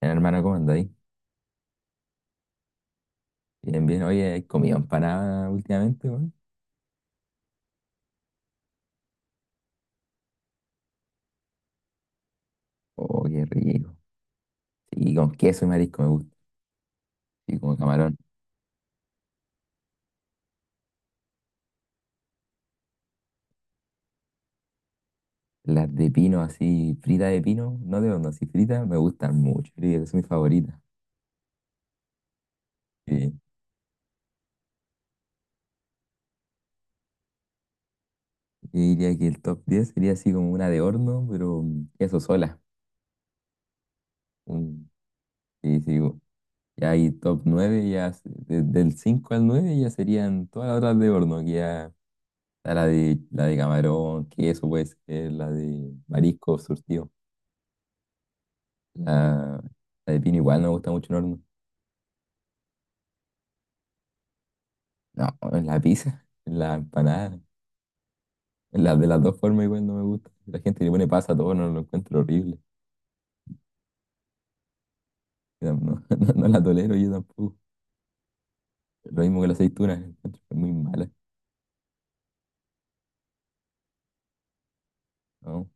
Bien, hermano, ¿cómo andáis? Bien, bien. Oye, ¿has comido empanada últimamente, weón? Oh, qué rico. Y con queso y marisco me gusta. Y con camarón. Las de pino, así, frita de pino, no de horno, así frita, me gustan mucho. Yo Diría que son mis favoritas. Sí. Yo diría que el top 10 sería así como una de horno, pero queso sola. Un- sí, sí. Ya hay top 9 ya del 5 al 9 ya serían todas las otras de horno, que ya está la de camarón, queso, pues, la de marisco surtido. La, la de pino igual no me gusta mucho en horno. No, en la pizza, en la empanada, en la, de las dos formas igual no me gusta. La gente le pone pasa a todo, no lo encuentro horrible. No, no, no la tolero yo tampoco. Lo mismo que la aceituna, la encuentro muy mala. ¿No?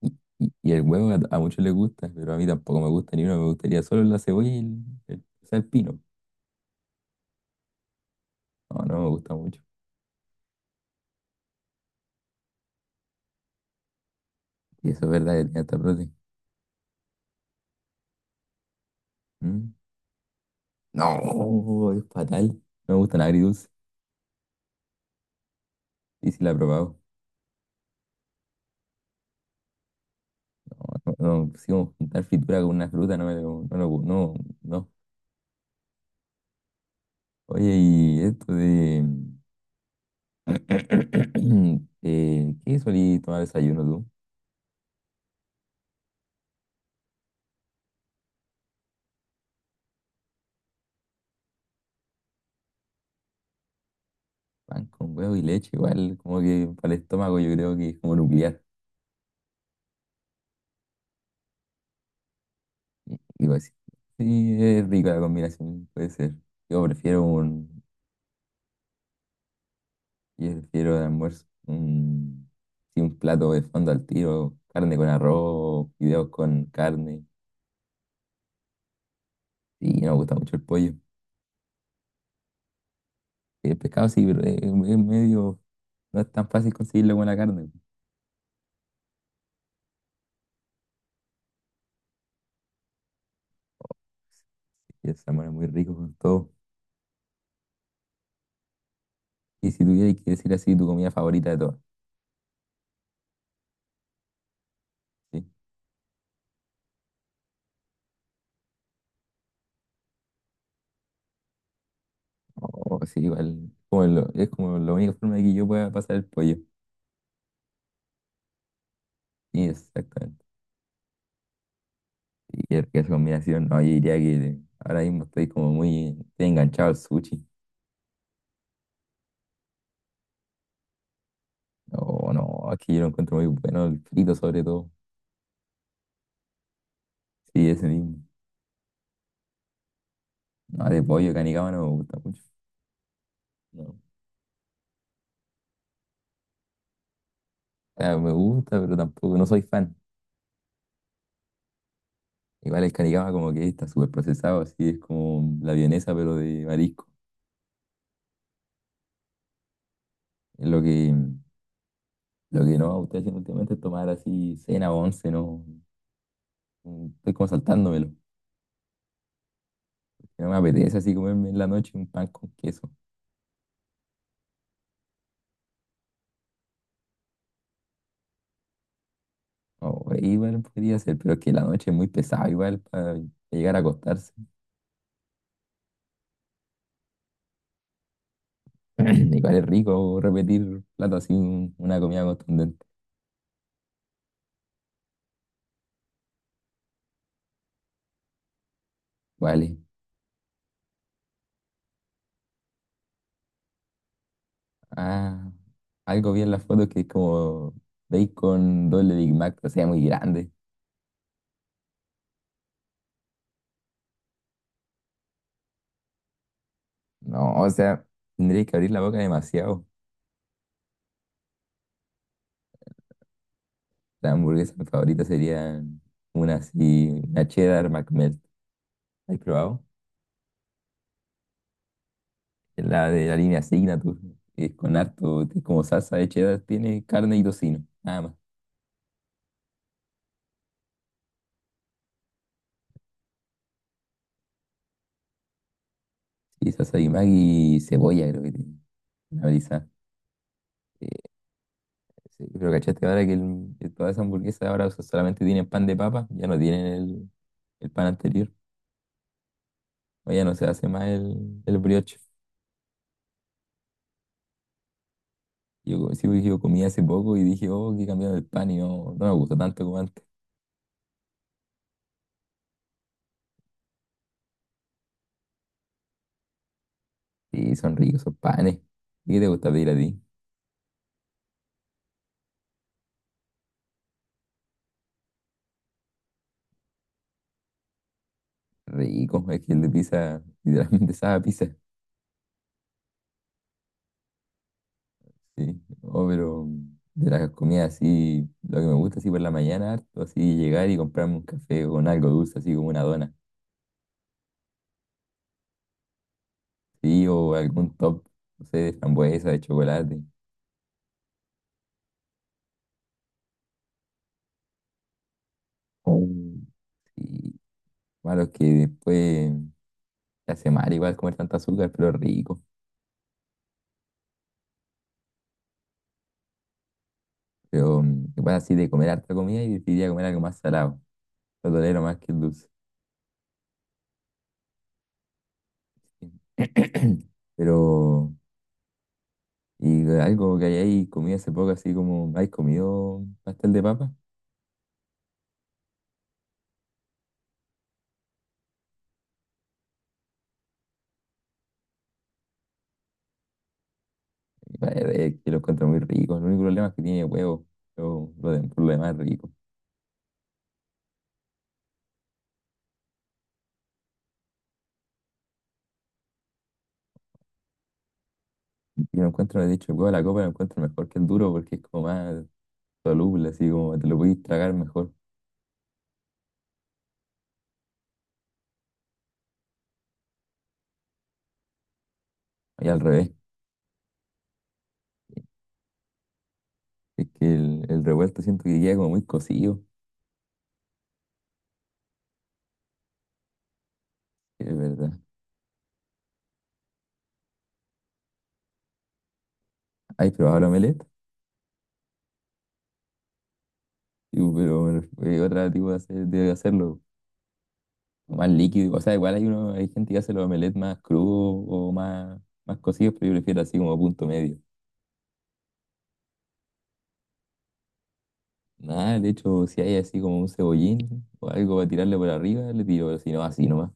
Y el huevo a muchos les gusta, pero a mí tampoco me gusta ni uno. Me gustaría solo la cebolla y o sea, el pino. No, no me gusta mucho. Y eso es verdad que tiene hasta prote. ¿Mm? No, es fatal. No me gusta nada agridulce. Y si la he probado. No, no, sí, como juntar fritura con una fruta, no, no, no, no. Oye, y esto de... ¿qué solí tomar desayuno tú? Pan con huevo y leche, igual, como que para el estómago yo creo que es como nuclear. Y, pues, sí, es rica la combinación, puede ser. Yo prefiero un... Yo prefiero de almuerzo un... Sí, un plato de fondo al tiro, carne con arroz, fideos con carne. Sí, no me gusta mucho el pollo. El pescado sí, pero es medio. No es tan fácil conseguirlo con la carne. Y el salmón es muy rico con todo. Y si tuvieras que decir así tu comida favorita de todas, ¿sí? Oh, sí, igual. Es como la única forma de que yo pueda pasar el pollo. Sí, exactamente. Que esa combinación, no, yo diría que ahora mismo estoy como muy estoy enganchado al sushi. No, no, aquí yo lo encuentro muy bueno, el frito sobre todo. Sí, ese mismo. No, de pollo canicaba no me gusta mucho. No. O sea, me gusta, pero tampoco, no soy fan. Igual el caricama como que está súper procesado, así es como la vienesa pero de marisco. Es lo que no estoy haciendo últimamente es tomar así cena o once, no. Estoy como saltándomelo. No me apetece así comerme en la noche un pan con queso. O igual podría ser, pero es que la noche es muy pesada igual para llegar a acostarse. Igual es rico repetir plato así, una comida contundente. Vale. Ah, algo vi en las fotos que es como bacon doble Big Mac, o sea, muy grande. No, o sea, tendrías que abrir la boca demasiado. La hamburguesa favorita sería una así, una cheddar McMelt. ¿La ¿Has probado? La de la línea Signature, que es con harto, es como salsa de cheddar, tiene carne y tocino, nada más. Y salsa de Maggi y cebolla, creo que tiene. Una brisa. Eh, sí, pero cachaste ahora que, que todas esas hamburguesas ahora solamente tienen pan de papa, ya no tienen el pan anterior. O ya no se hace más el brioche. Yo, sí, porque yo comí hace poco y dije, oh, que he cambiado el pan y no, no me gusta tanto como antes. Sí, son ricos esos panes. ¿Y qué te gusta pedir a ti? Rico, es que el de pizza, literalmente sabe a pizza. Sí, oh, pero de las comidas así, lo que me gusta así por la mañana, harto, así llegar y comprarme un café con algo dulce, así como una dona. Sí, o algún top, no sé, de frambuesa, de chocolate. Oh. Sí, malo es que después te hace mal igual comer tanta azúcar, pero rico. Pero igual así de comer harta comida y decidiría comer algo más salado. Lo tolero más que el dulce. Pero, y algo que hayáis comido hace poco, así como, ¿habéis comido pastel de papa? Que lo encuentro muy rico. El único problema es que tiene huevo. Pero lo de, por lo demás es rico. Y lo encuentro, me he dicho el huevo de la copa lo encuentro mejor que el duro porque es como más soluble, así como te lo podéis tragar mejor. Y al revés, es que el revuelto siento que queda como muy cocido. Es verdad. ¿Has probado el omelette? Y, pero bueno, otra tipo de, hacer- de hacerlo más líquido. O sea, igual hay uno, hay gente que hace los omelets más crudos o más, más cocidos, pero yo prefiero así como punto medio. Nada, de hecho, si hay así como un cebollín o algo para tirarle por arriba, le tiro, pero si no, así nomás.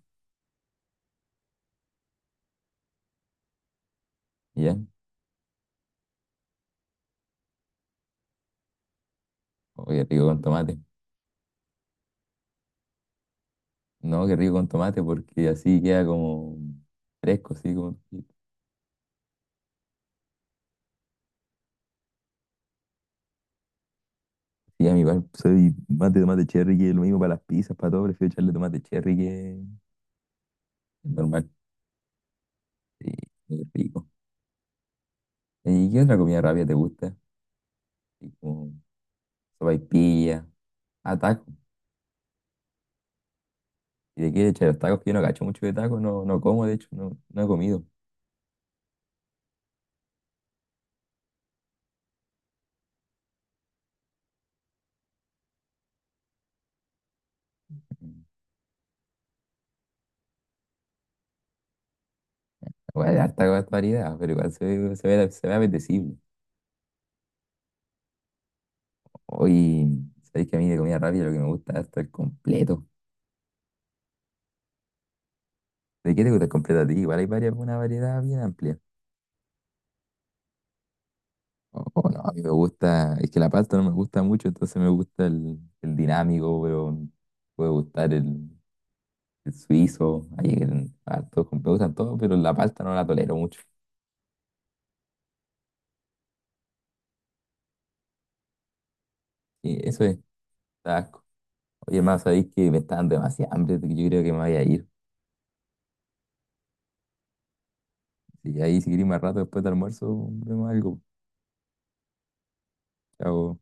Y ¿ya? O qué rico con tomate. No, que rico con tomate porque así queda como fresco, así como... Sí, a mí igual soy más de tomate cherry que lo mismo para las pizzas, para todo, prefiero echarle tomate cherry que normal. Sí, muy rico. ¿Y qué otra comida rápida te gusta? Y con sopaipilla, ah, tacos. ¿Y de qué? Che, los tacos que yo no cacho mucho de tacos, no, no como, de hecho, no, no he comido. Bueno, hay harta variedad, pero igual se ve, se ve, se ve apetecible. Hoy, sabéis que a mí de comida rápida lo que me gusta es el completo. ¿De qué te gusta el completo a ti? Igual hay varias, una variedad bien amplia. Oh, oh, no, a mí me gusta, es que la pasta no me gusta mucho, entonces me gusta el dinámico, pero me puede gustar el suizo, hay hartos, me gustan todos, pero la pasta no la tolero mucho. Y eso es. Taco. Oye, más sabéis que me están demasiado hambre, yo creo que me voy a ir. Y ahí si queréis más rato después del almuerzo, vemos algo. Chao.